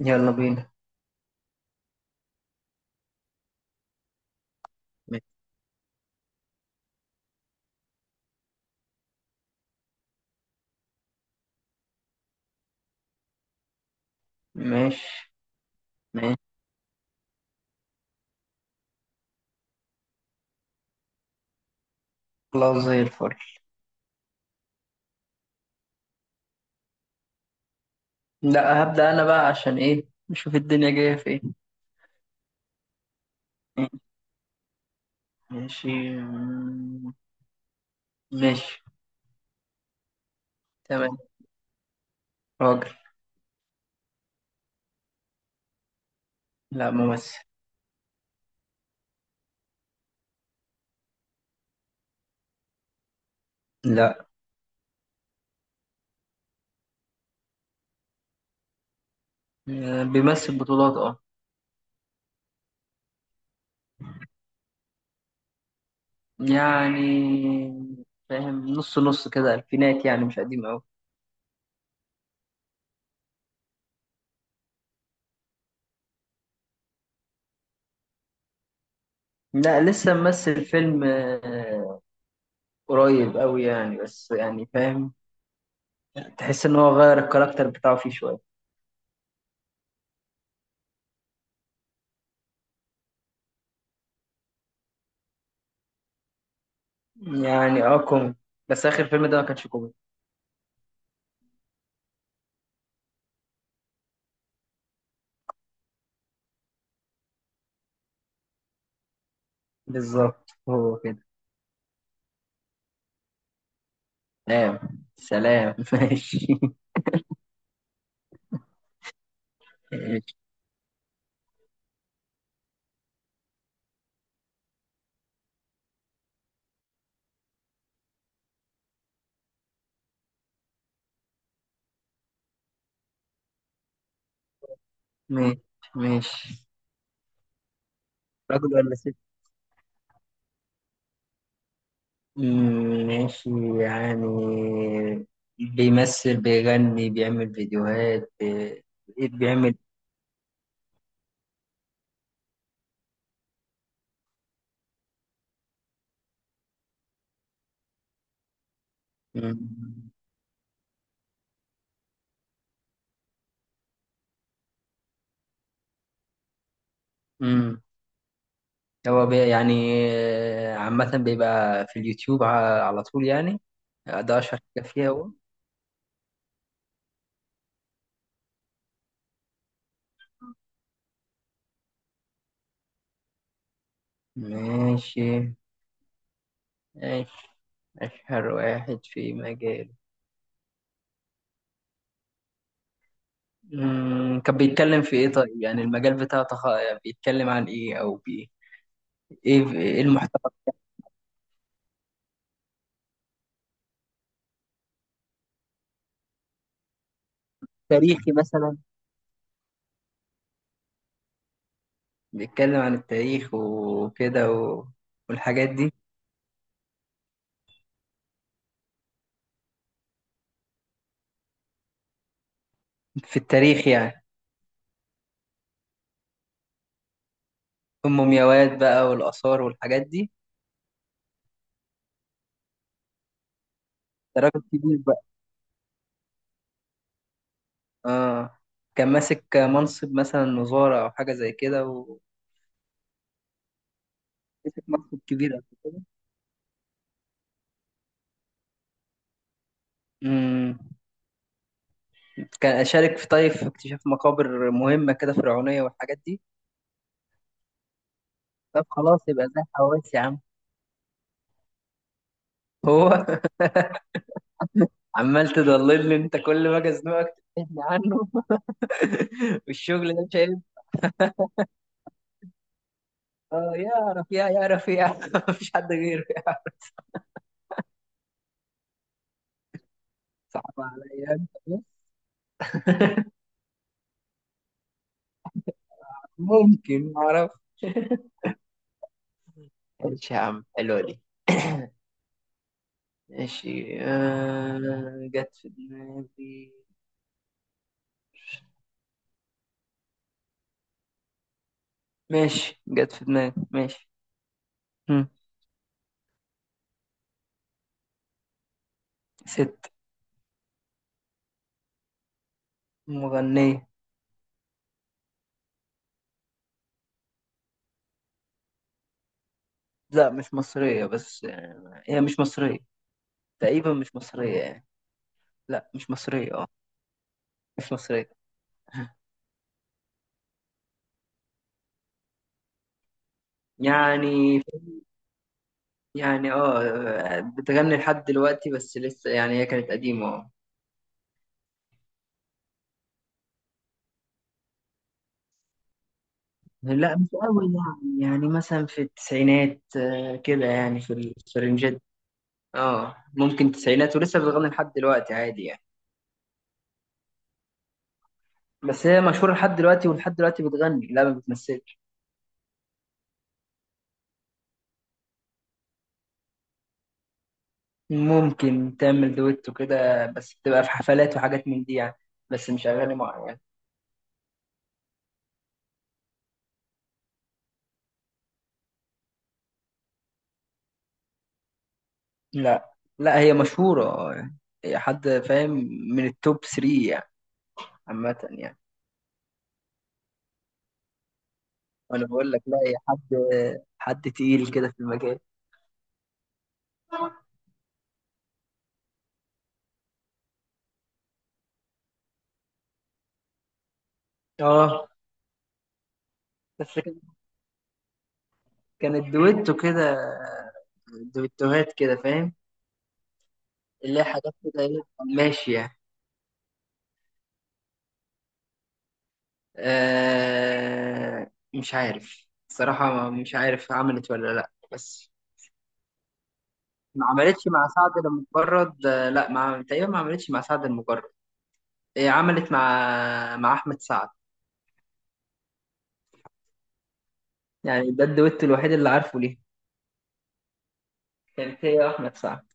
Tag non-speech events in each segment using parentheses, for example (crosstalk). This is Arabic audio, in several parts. يلا بينا. ماشي. ماشي، خلاص زي الفل. لا، هبدأ أنا بقى، عشان إيه؟ نشوف الدنيا جاية فين. ماشي. مم، ماشي. تمام. راجل. لا، ممثل. لا، بيمثل بطولات اه. يعني فاهم، نص نص كده، الفينات، يعني مش قديم أوي. لا، لسه ممثل فيلم قريب أوي يعني، بس يعني فاهم، تحس إن هو غير الكاركتر بتاعه فيه شوية. يعني اه كوميدي، بس آخر فيلم ده ما كانش كوميدي. بالظبط هو كده. سلام. سلام (laughs) ماشي. ماشي. ماشي، راجل ولا ست؟ ماشي. يعني بيمثل، بيغني، بيعمل فيديوهات ايه بيعمل؟ مم، مم. هو بي يعني عامة بيبقى في اليوتيوب على طول يعني، ده أشهر حاجة فيها هو. ماشي. ماشي. أشهر واحد في مجال. مم، كان بيتكلم في ايه طيب؟ يعني المجال بتاعه بيتكلم عن ايه او ايه ايه المحتوى؟ التاريخي مثلا؟ بيتكلم عن التاريخ وكده و... والحاجات دي. في التاريخ يعني. ام مومياوات بقى والاثار والحاجات دي. ده راجل كبير بقى. اه كان ماسك منصب مثلا، وزارة او حاجة زي كده، ومسك منصب كبير قبل كده. مم. كان اشارك في طيب في اكتشاف مقابر مهمة كده فرعونية والحاجات دي. طب خلاص، يبقى ده حواس يا عم. هو؟ عمال تضللني انت، كل ما اجي ازنقك تبعدني عنه. (laughs) والشغل ده مش عيب. اه يعرف يا، يعرف يا (laughs) مفيش حد غيره يعرف. صعب عليا انت بس. ممكن ما اعرف. ماشي يا عم، حلوه دي. (coughs) ماشي آه، جت في دماغي. ماشي، جت في دماغي. ماشي. هم. ست. مغنية. لا مش مصرية، بس هي مش مصرية، تقريبا مش مصرية يعني. لا مش مصرية اه. مش مصرية. يعني يعني اه بتغني لحد دلوقتي، بس لسه يعني هي كانت قديمة اه. لا مش قوي يعني، يعني مثلا في التسعينات كده، يعني في في الرنجات دي. اه ممكن تسعينات، ولسه بتغني لحد دلوقتي عادي يعني. بس هي مشهورة لحد دلوقتي، ولحد دلوقتي بتغني. لا ما بتمثلش. ممكن تعمل دويتو كده، بس بتبقى في حفلات وحاجات من دي يعني، بس مش أغاني معينة يعني. لا. لا هي مشهورة يعني، هي حد فاهم، من التوب 3 يعني، عامة يعني. انا بقول لك لا، يا حد، حد تقيل كده في المجال. اه بس كان- كانت دويتو كده، دويتوهات كده فاهم، اللي هي حاجات كده ايه، ماشية. آه مش عارف الصراحة، مش عارف عملت ولا لا، بس ما عملتش مع سعد المجرد. لا ما تقريبا ما عملتش مع سعد المجرد. هي عملت مع أحمد سعد. يعني ده الدويتو الوحيد اللي عارفه ليه. كانت هي وأحمد سعد.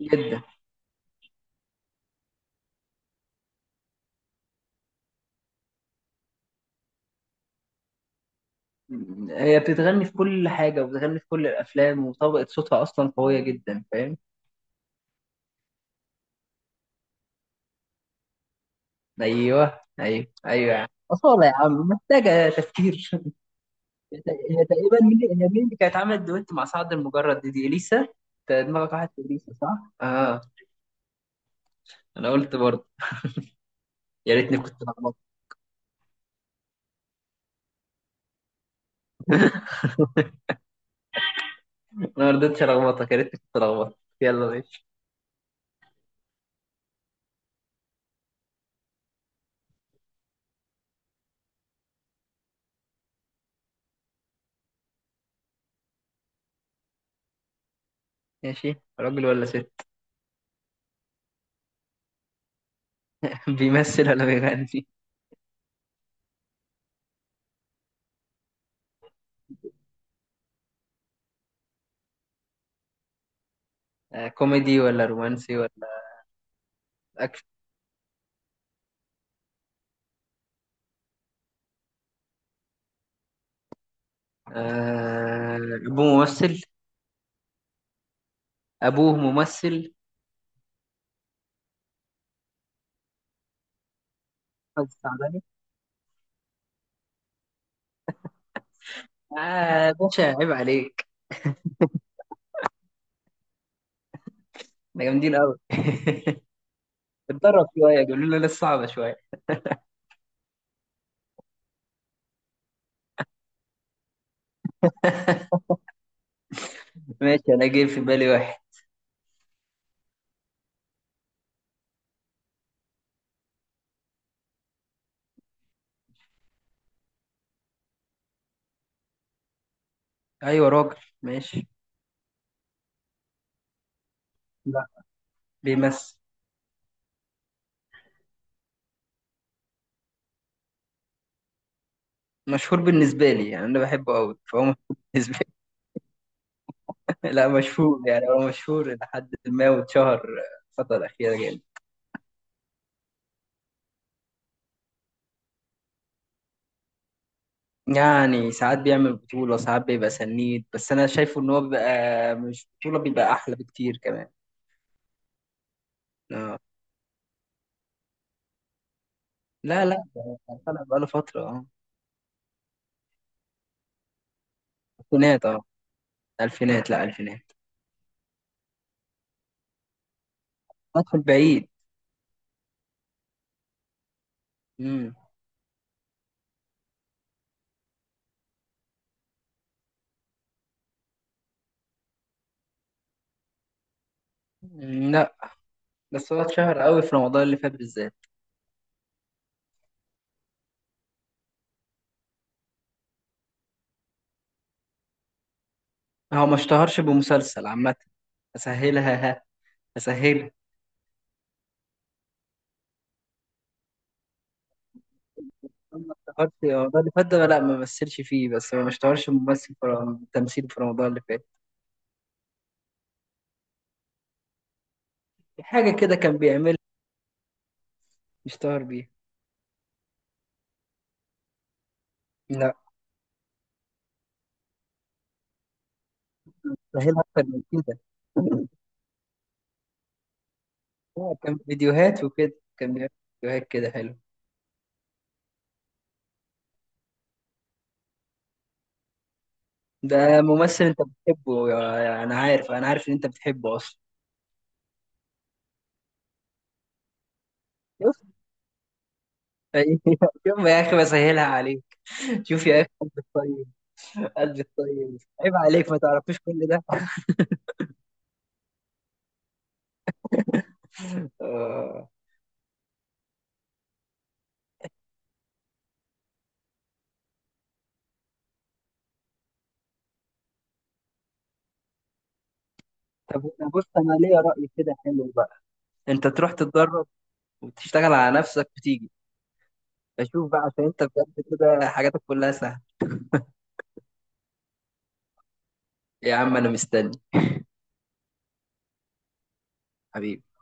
جدا. هي بتتغني في كل حاجة، وبتغني في كل الأفلام، وطبقة صوتها أصلا قوية جدا، فاهم؟ أيوه أيوه أيوه يا عم، أصالة يا عم، محتاجة تفكير؟ (laughs) هي تقريبا مين، هي مين اللي كانت عملت دويت مع سعد المجرد دي؟ دي إليسا، أنت دماغك واحد في إليسا، صح؟ آه. أنا قلت برضه. يا ريتني كنت لخبطت. أنا ما رضيتش ألخبطك، يا ريتني كنت لخبطت. يلا ماشي. ماشي، راجل ولا ست؟ (laughs) بيمثل ولا بيغني؟ آه كوميدي ولا رومانسي ولا أكشن؟ آه أبوه ممثل. ابوه ممثل بس تعبان. اه يا باشا عيب عليك، احنا جامدين قوي. (laughs) اتدرب شويه، قالوا لنا لسه صعبه شويه. ماشي، انا جاي في بالي واحد. ايوه راجل، ماشي. لا، بيمثل. مشهور بالنسبه لي يعني، انا بحبه قوي فهو (laughs) مشهور بالنسبه لي. (laughs) لا مشهور يعني، هو مشهور لحد ما واتشهر الفتره الاخيره جامد. يعني ساعات بيعمل بطولة، ساعات بيبقى سنيد، بس أنا شايفه إن هو بيبقى مش بطولة بيبقى أحلى بكتير. كمان آه. لا لا، ده طلع بقاله فترة اه. الفينات اه، الفينات، لا الفينات ادخل بعيد. امم. لا، بس هو اتشهر قوي في رمضان اللي فات بالذات. هو ما اشتهرش بمسلسل عامة. اسهلها ها، اسهلها. هو ما اشتهرش رمضان اللي فات ده، لا ما مثلش فيه، بس هو ما اشتهرش ممثل في تمثيل في رمضان اللي فات. في حاجة كده كان بيعملها، اشتهر بيها. لا، سهلها اكتر من كده. لا، كان فيديوهات وكده كان بيعمل، فيديوهات كده حلو. ده ممثل انت بتحبه انا عارف، انا عارف ان انت بتحبه اصلا. أيوة. شوف يا اخي بسهلها عليك، شوف يا اخي، قلبي الطيب. قلبي الطيب، عيب عليك ما تعرفيش كل ده. (laughs) آه. طب أنا بص، انا ليا رأي كده حلو بقى، انت تروح تتدرب وتشتغل على نفسك وتيجي اشوف بقى، عشان انت بجد كده حاجاتك كلها سهله. يا عم انا مستني. حبيبي